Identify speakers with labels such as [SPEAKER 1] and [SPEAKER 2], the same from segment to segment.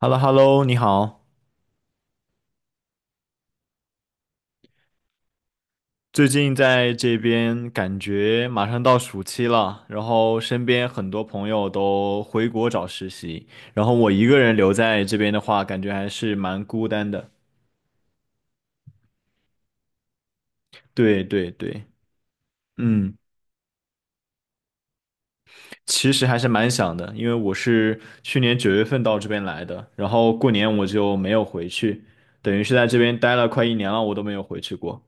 [SPEAKER 1] h e l l o h e l l o 你好。最近在这边感觉马上到暑期了，然后身边很多朋友都回国找实习，然后我一个人留在这边的话，感觉还是蛮孤单的。对对对，嗯，其实还是蛮想的，因为我是去年9月份到这边来的，然后过年我就没有回去，等于是在这边待了快一年了，我都没有回去过。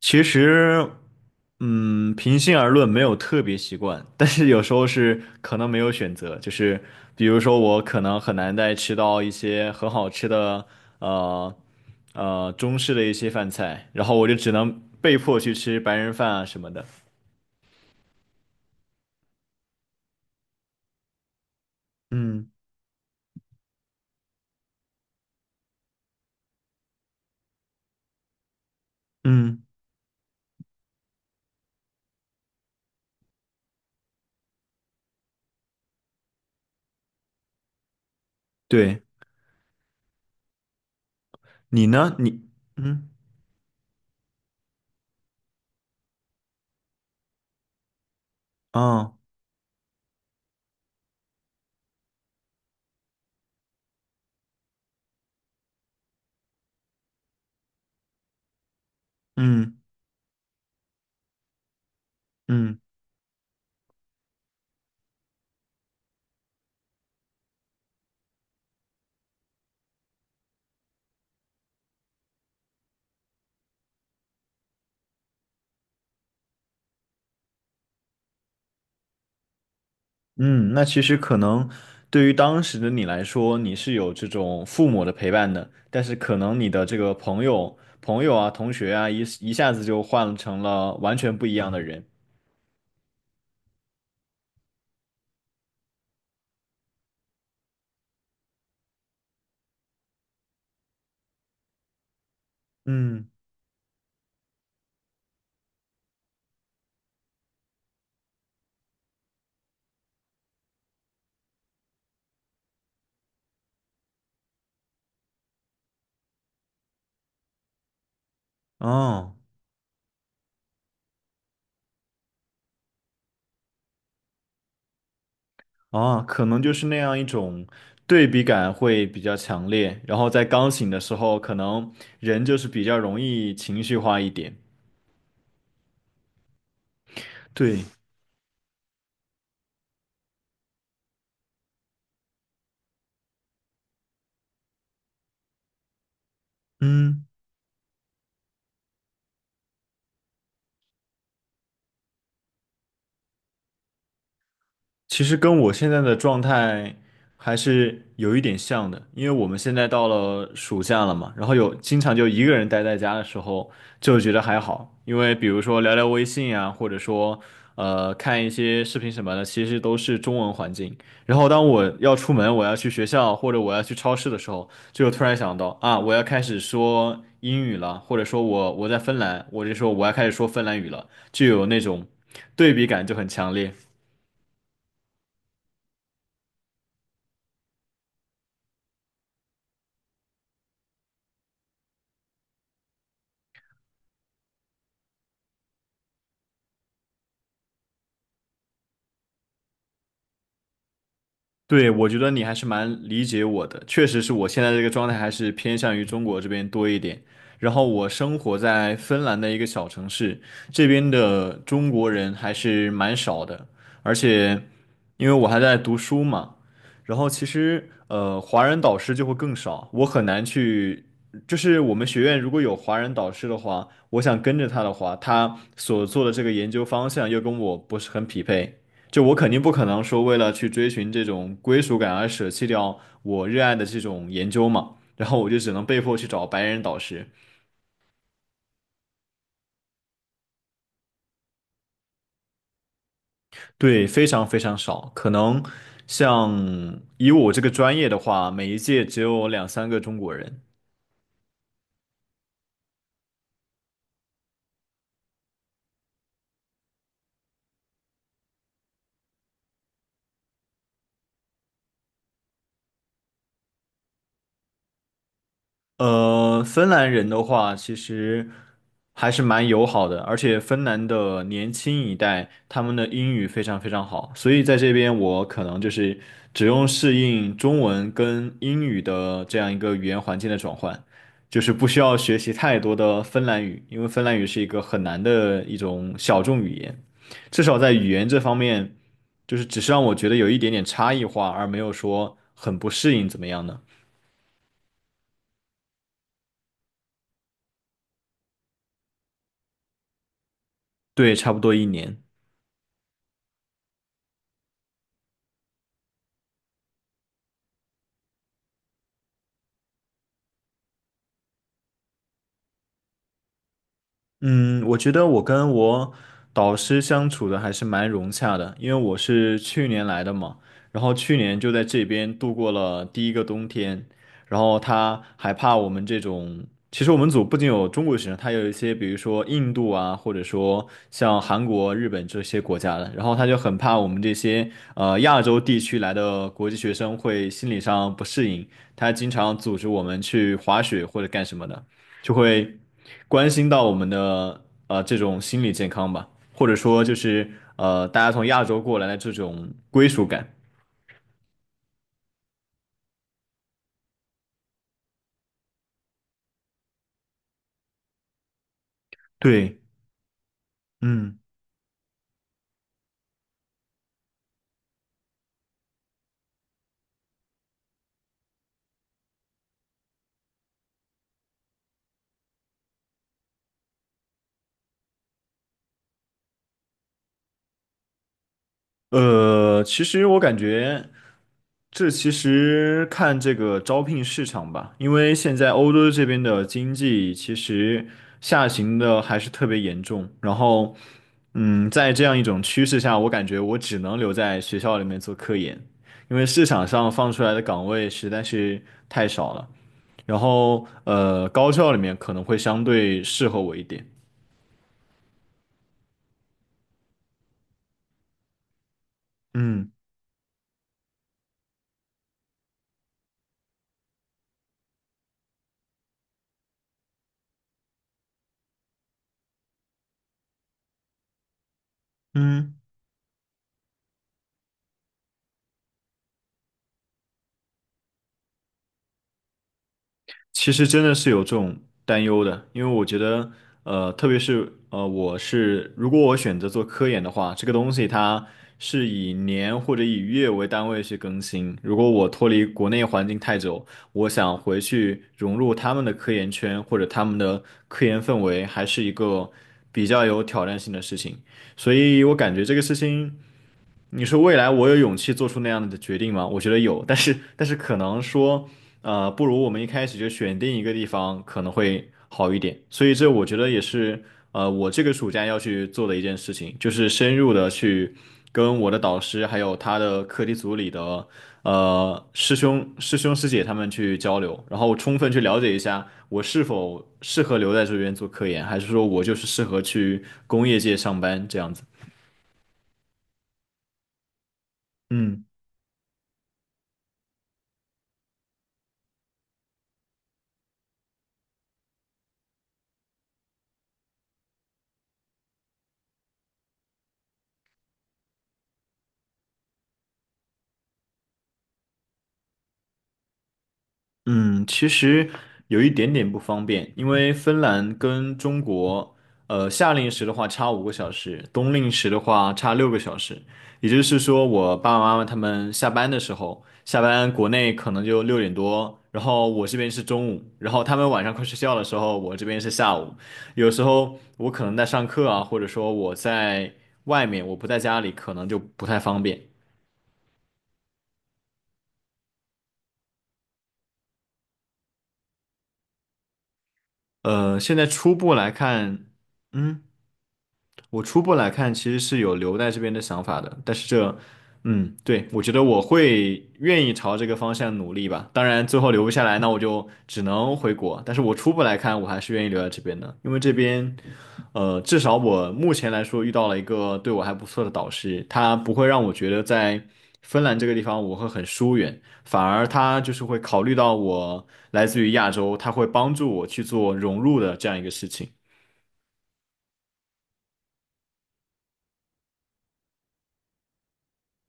[SPEAKER 1] 其实，平心而论，没有特别习惯，但是有时候是可能没有选择，就是比如说我可能很难再吃到一些很好吃的，呃中式的一些饭菜，然后我就只能被迫去吃白人饭啊什么的。嗯嗯，对，你呢？你嗯哦嗯嗯。嗯，那其实可能对于当时的你来说，你是有这种父母的陪伴的，但是可能你的这个朋友啊、同学啊，一下子就换成了完全不一样的人。嗯，哦，哦，可能就是那样一种对比感会比较强烈，然后在刚醒的时候，可能人就是比较容易情绪化一点。对，嗯。其实跟我现在的状态还是有一点像的，因为我们现在到了暑假了嘛，然后有经常就一个人待在家的时候，就觉得还好，因为比如说聊聊微信啊，或者说看一些视频什么的，其实都是中文环境。然后当我要出门，我要去学校或者我要去超市的时候，就突然想到啊，我要开始说英语了，或者说我在芬兰，我就说我要开始说芬兰语了，就有那种对比感就很强烈。对，我觉得你还是蛮理解我的，确实是我现在这个状态还是偏向于中国这边多一点。然后我生活在芬兰的一个小城市，这边的中国人还是蛮少的，而且因为我还在读书嘛，然后其实华人导师就会更少，我很难去，就是我们学院如果有华人导师的话，我想跟着他的话，他所做的这个研究方向又跟我不是很匹配。就我肯定不可能说为了去追寻这种归属感而舍弃掉我热爱的这种研究嘛，然后我就只能被迫去找白人导师。对，非常非常少，可能像以我这个专业的话，每一届只有两三个中国人。呃，芬兰人的话，其实还是蛮友好的，而且芬兰的年轻一代，他们的英语非常非常好，所以在这边我可能就是只用适应中文跟英语的这样一个语言环境的转换，就是不需要学习太多的芬兰语，因为芬兰语是一个很难的一种小众语言，至少在语言这方面，就是只是让我觉得有一点点差异化，而没有说很不适应怎么样呢？对，差不多一年。嗯，我觉得我跟我导师相处的还是蛮融洽的，因为我是去年来的嘛，然后去年就在这边度过了第一个冬天，然后他还怕我们这种，其实我们组不仅有中国学生，他有一些比如说印度啊，或者说像韩国、日本这些国家的，然后他就很怕我们这些亚洲地区来的国际学生会心理上不适应，他经常组织我们去滑雪或者干什么的。就会关心到我们的这种心理健康吧，或者说就是大家从亚洲过来的这种归属感。对，嗯。其实我感觉，这其实看这个招聘市场吧，因为现在欧洲这边的经济其实下行的还是特别严重。然后，在这样一种趋势下，我感觉我只能留在学校里面做科研，因为市场上放出来的岗位实在是太少了。然后，高校里面可能会相对适合我一点。嗯嗯。其实真的是有这种担忧的，因为我觉得，特别是我是如果我选择做科研的话，这个东西它是以年或者以月为单位去更新。如果我脱离国内环境太久，我想回去融入他们的科研圈或者他们的科研氛围，还是一个比较有挑战性的事情。所以我感觉这个事情。你说未来我有勇气做出那样的决定吗？我觉得有，但是可能说，不如我们一开始就选定一个地方可能会好一点。所以这我觉得也是，我这个暑假要去做的一件事情，就是深入的去跟我的导师还有他的课题组里的师兄师姐他们去交流，然后充分去了解一下我是否适合留在这边做科研，还是说我就是适合去工业界上班这样子。嗯。嗯，其实有一点点不方便，因为芬兰跟中国，夏令时的话差5个小时，冬令时的话差6个小时。也就是说，我爸爸妈妈他们下班的时候，下班国内可能就6点多，然后我这边是中午，然后他们晚上快睡觉的时候，我这边是下午。有时候我可能在上课啊，或者说我在外面，我不在家里，可能就不太方便。现在初步来看。嗯，我初步来看，其实是有留在这边的想法的，但是这，嗯，对，我觉得我会愿意朝这个方向努力吧。当然，最后留不下来，那我就只能回国。但是我初步来看，我还是愿意留在这边的，因为这边，至少我目前来说遇到了一个对我还不错的导师，他不会让我觉得在芬兰这个地方我会很疏远，反而他就是会考虑到我来自于亚洲，他会帮助我去做融入的这样一个事情。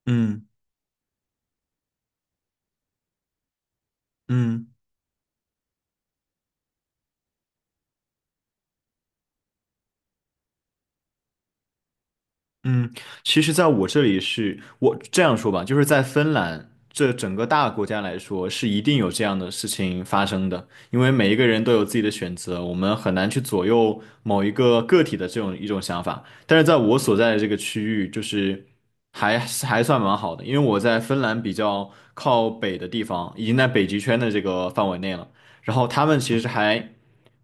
[SPEAKER 1] 嗯嗯。嗯，其实在我这里是，我这样说吧，就是在芬兰这整个大国家来说，是一定有这样的事情发生的，因为每一个人都有自己的选择，我们很难去左右某一个个体的这种一种想法。但是在我所在的这个区域，就是还算蛮好的，因为我在芬兰比较靠北的地方，已经在北极圈的这个范围内了。然后他们其实还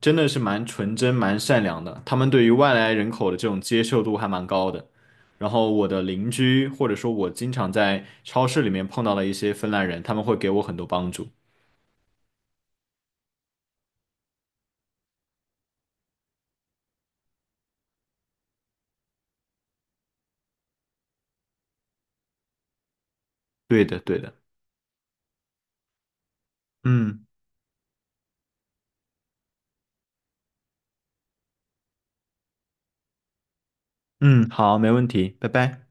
[SPEAKER 1] 真的是蛮纯真、蛮善良的，他们对于外来人口的这种接受度还蛮高的。然后我的邻居，或者说我经常在超市里面碰到的一些芬兰人，他们会给我很多帮助。对的，对的。嗯嗯，好，没问题，拜拜。